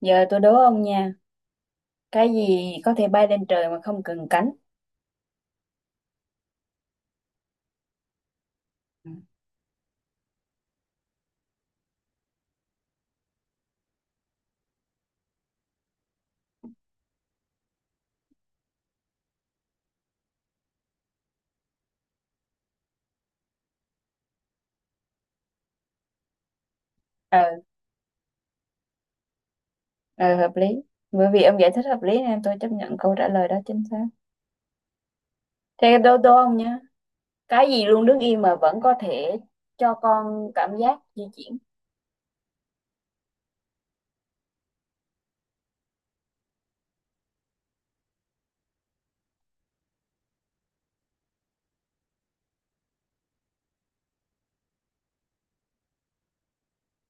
Giờ tôi đố ông nha, cái gì có thể bay lên trời mà không cần cánh? Ờ, ờ hợp lý. Bởi vì ông giải thích hợp lý nên tôi chấp nhận câu trả lời đó chính xác. Thế đố đố ông nha, cái gì luôn đứng yên mà vẫn có thể cho con cảm giác di chuyển?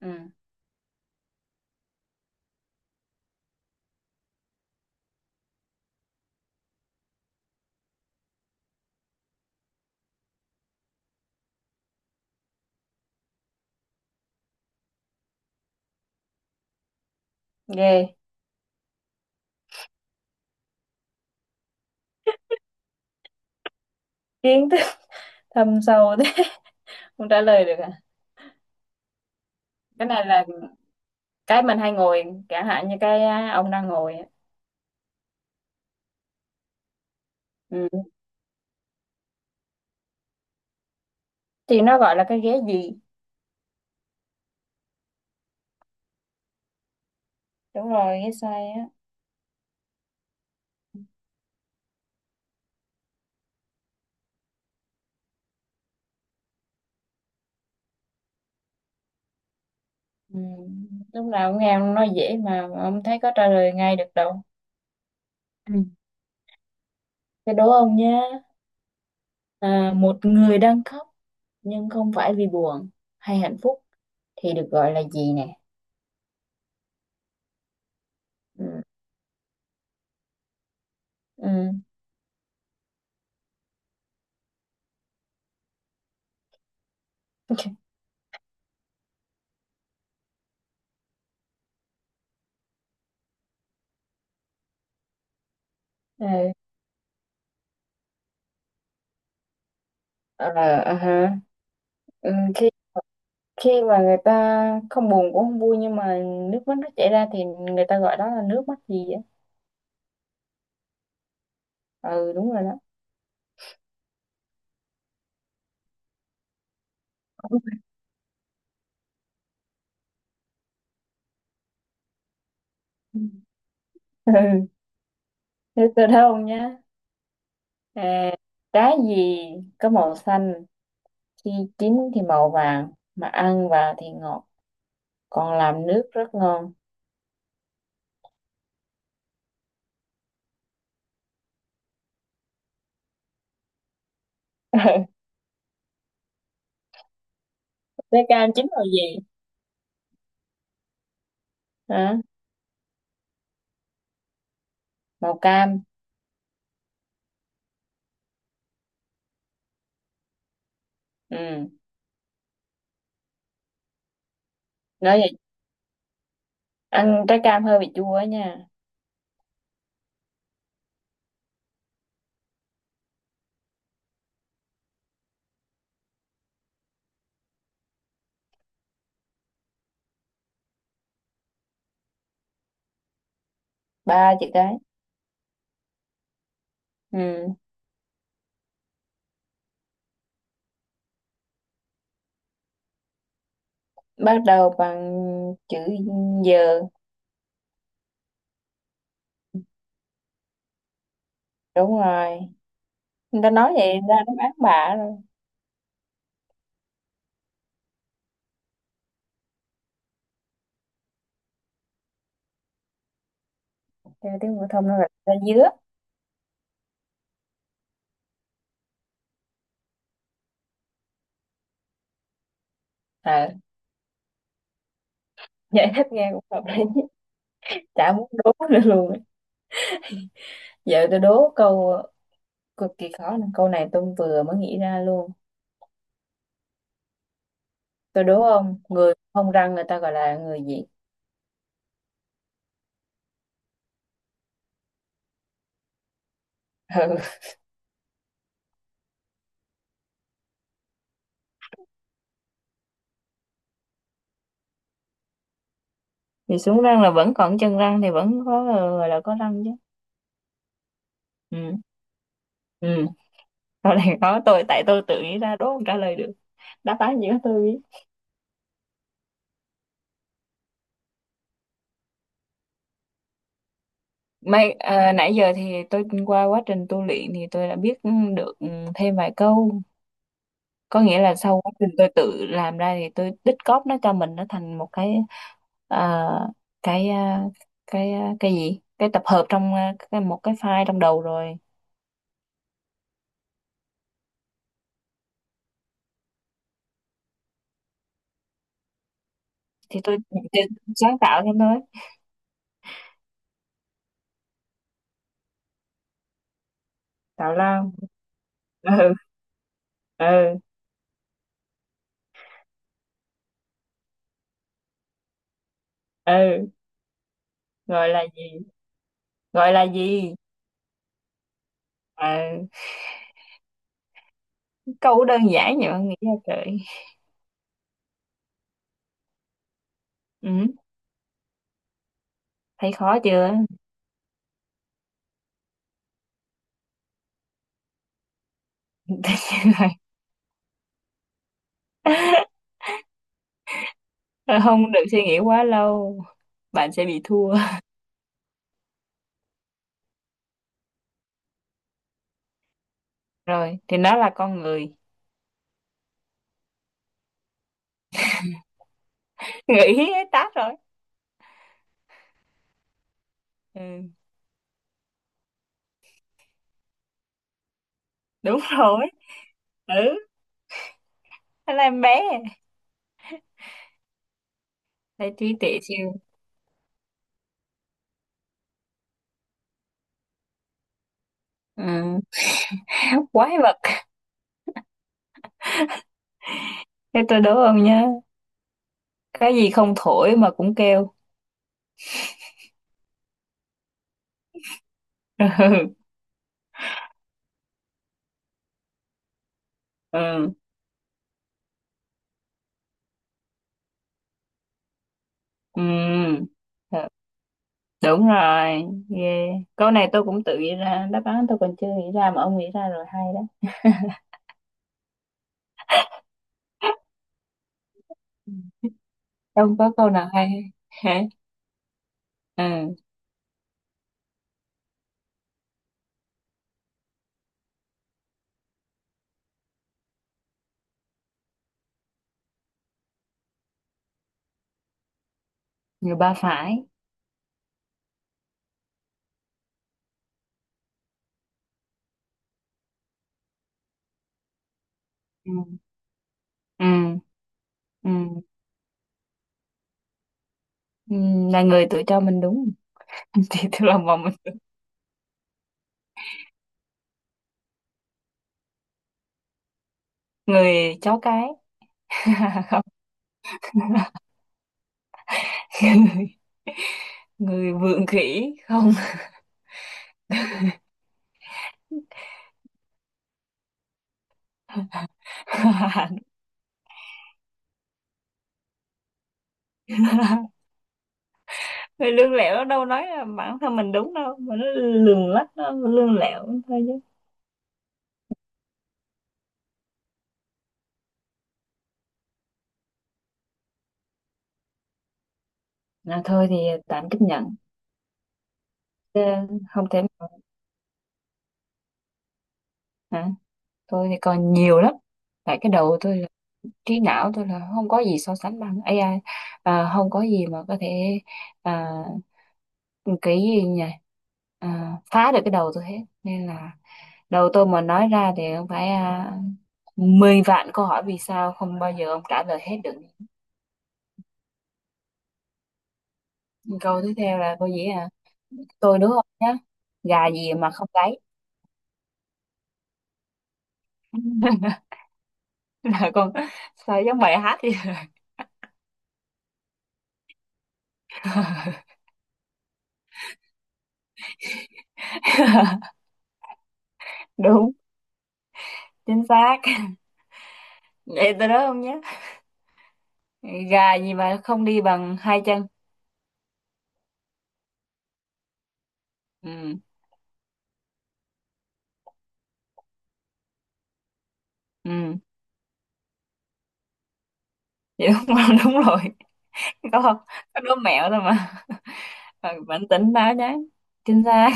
Ừ, ghê. Kiến thức thâm sâu thế, không trả lời được à? Cái này là cái mình hay ngồi, chẳng hạn như ông đang ngồi á. Ừ. Thì nó gọi là cái ghế gì? Đúng rồi, ghế xoay á. Ừ. Lúc nào cũng nghe ông nói dễ mà ông thấy có trả lời ngay được đâu. Ừ. Thế đố ông nhé. Một người đang khóc nhưng không phải vì buồn hay hạnh phúc thì được gọi là gì nè? Ừ. Ừ. Ừ. Ờ, ờ ha. Ừ. Khi khi mà người ta không buồn cũng không vui nhưng mà nước mắt nó chảy ra thì người ta gọi đó là nước mắt gì á? Ừ, đúng rồi đó. Ừ. Thế tôi đố ông nhé. À, Trái gì có màu xanh khi chín thì màu vàng mà ăn vào thì ngọt còn làm nước rất ngon. Trái cam chín màu gì? Hả? Màu cam. Ừ, nói vậy ăn trái cam hơi bị chua á nha. Ba chữ cái. Ừ, bắt đầu bằng chữ dừa. Đúng rồi, người ta nói vậy ra đáp án bạ, rồi. Theo tiếng phổ thông nó là ra dứa. À, giải thích nghe cũng hợp lý. Chả muốn đố nữa luôn. Giờ tôi đố câu cực kỳ khó nè. Câu này tôi vừa mới nghĩ ra luôn. Tôi đố không, người không răng người ta gọi là người gì? Ừ. Thì xuống răng là vẫn còn chân răng thì vẫn có gọi là có răng chứ. Ừ. Ừ. Câu này khó, tôi tại tôi tự nghĩ ra đố không trả lời được, đáp án gì đó tôi biết. Mấy, nãy giờ thì tôi qua quá trình tu luyện thì tôi đã biết, ừ, được, ừ, thêm vài câu, có nghĩa là sau quá trình tôi tự làm ra thì tôi tích cóp nó cho mình, nó thành một cái, à, cái à, gì, cái tập hợp trong cái, một cái file trong đầu rồi. Thì tôi thì sáng tạo thêm thôi. Tạo lao. Ừ. Ừ. Ừ. Gọi là gì? Gọi là gì? Ừ. Câu đơn giản vậy mà nghĩ ra trời. Ừ. Thấy khó chưa? Không được suy nghĩ quá lâu, bạn sẽ bị thua. Rồi thì nó là con người. Nghĩ hết tát rồi. Ừ. Đúng rồi. Ừ, nó là em bé. Thấy trí tuệ siêu. Ừ. Quái vật. Thế tôi đố ông nhá, cái gì không thổi mà cũng kêu? Ừ. Ừ. Ừ. Thật. Đúng rồi. Ghê. Câu này tôi cũng tự nghĩ ra đáp án tôi còn chưa nghĩ ra mà ông nghĩ ra rồi, hay đó. Ừ. Không có câu nào hay. Hả? Ừ, người ba phải. Ừ. Ừ. Ừ. Ừ, là người tự cho mình đúng. Thì tôi là một mình. Người chó cái. Người vượng khỉ không. Thì lương lẹo nó đâu nói là bản thân mình đúng đâu, mà nó lường lách, nó lương lẹo thôi chứ. Là thôi thì tạm chấp nhận. Chứ không thể mà- Hả? Tôi thì còn nhiều lắm tại cái đầu tôi là, trí não tôi là không có gì so sánh bằng AI. Không có gì mà có thể, à, cái gì nhỉ, phá được cái đầu tôi hết. Nên là đầu tôi mà nói ra thì không phải, 10 vạn câu hỏi vì sao không bao giờ ông trả lời hết được. Câu tiếp theo là câu gì? Tôi đúng không nhá, gà gì mà không gáy? Là con. Sao giống bài hát vậy. Đúng. Chính xác. Vậy tôi nói không nhá, gà gì mà không đi bằng hai chân? Ừ. Ừ. Vậy đúng không? Đúng rồi. Có không? Có đố mẹo thôi mà. Bạn bạn tỉnh táo nhá. Chính xác.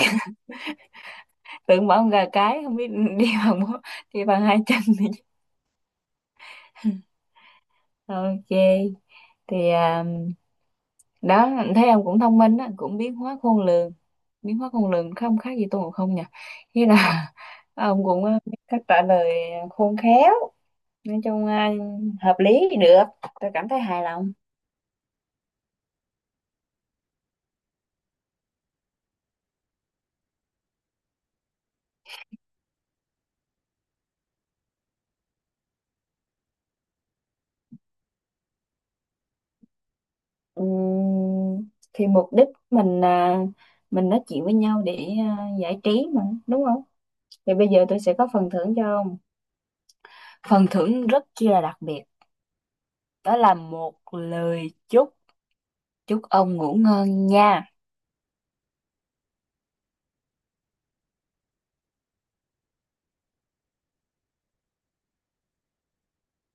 Tưởng bảo con gà cái không biết đi bằng bốn- đi bằng hai chân thì ok. Thì đó, thấy ông cũng thông minh á, cũng biến hóa khôn lường. Biến hóa khôn lường không khác gì Tôn Ngộ Không nhỉ. Thế là ông cũng biết cách trả lời khôn khéo. Nói chung hợp lý thì được, tôi cảm thấy hài lòng. Thì mục đích mình mình nói chuyện với nhau để giải trí mà đúng không. Thì bây giờ tôi sẽ có phần thưởng cho ông, phần thưởng rất chi là đặc biệt, đó là một lời chúc. Chúc ông ngủ ngon nha.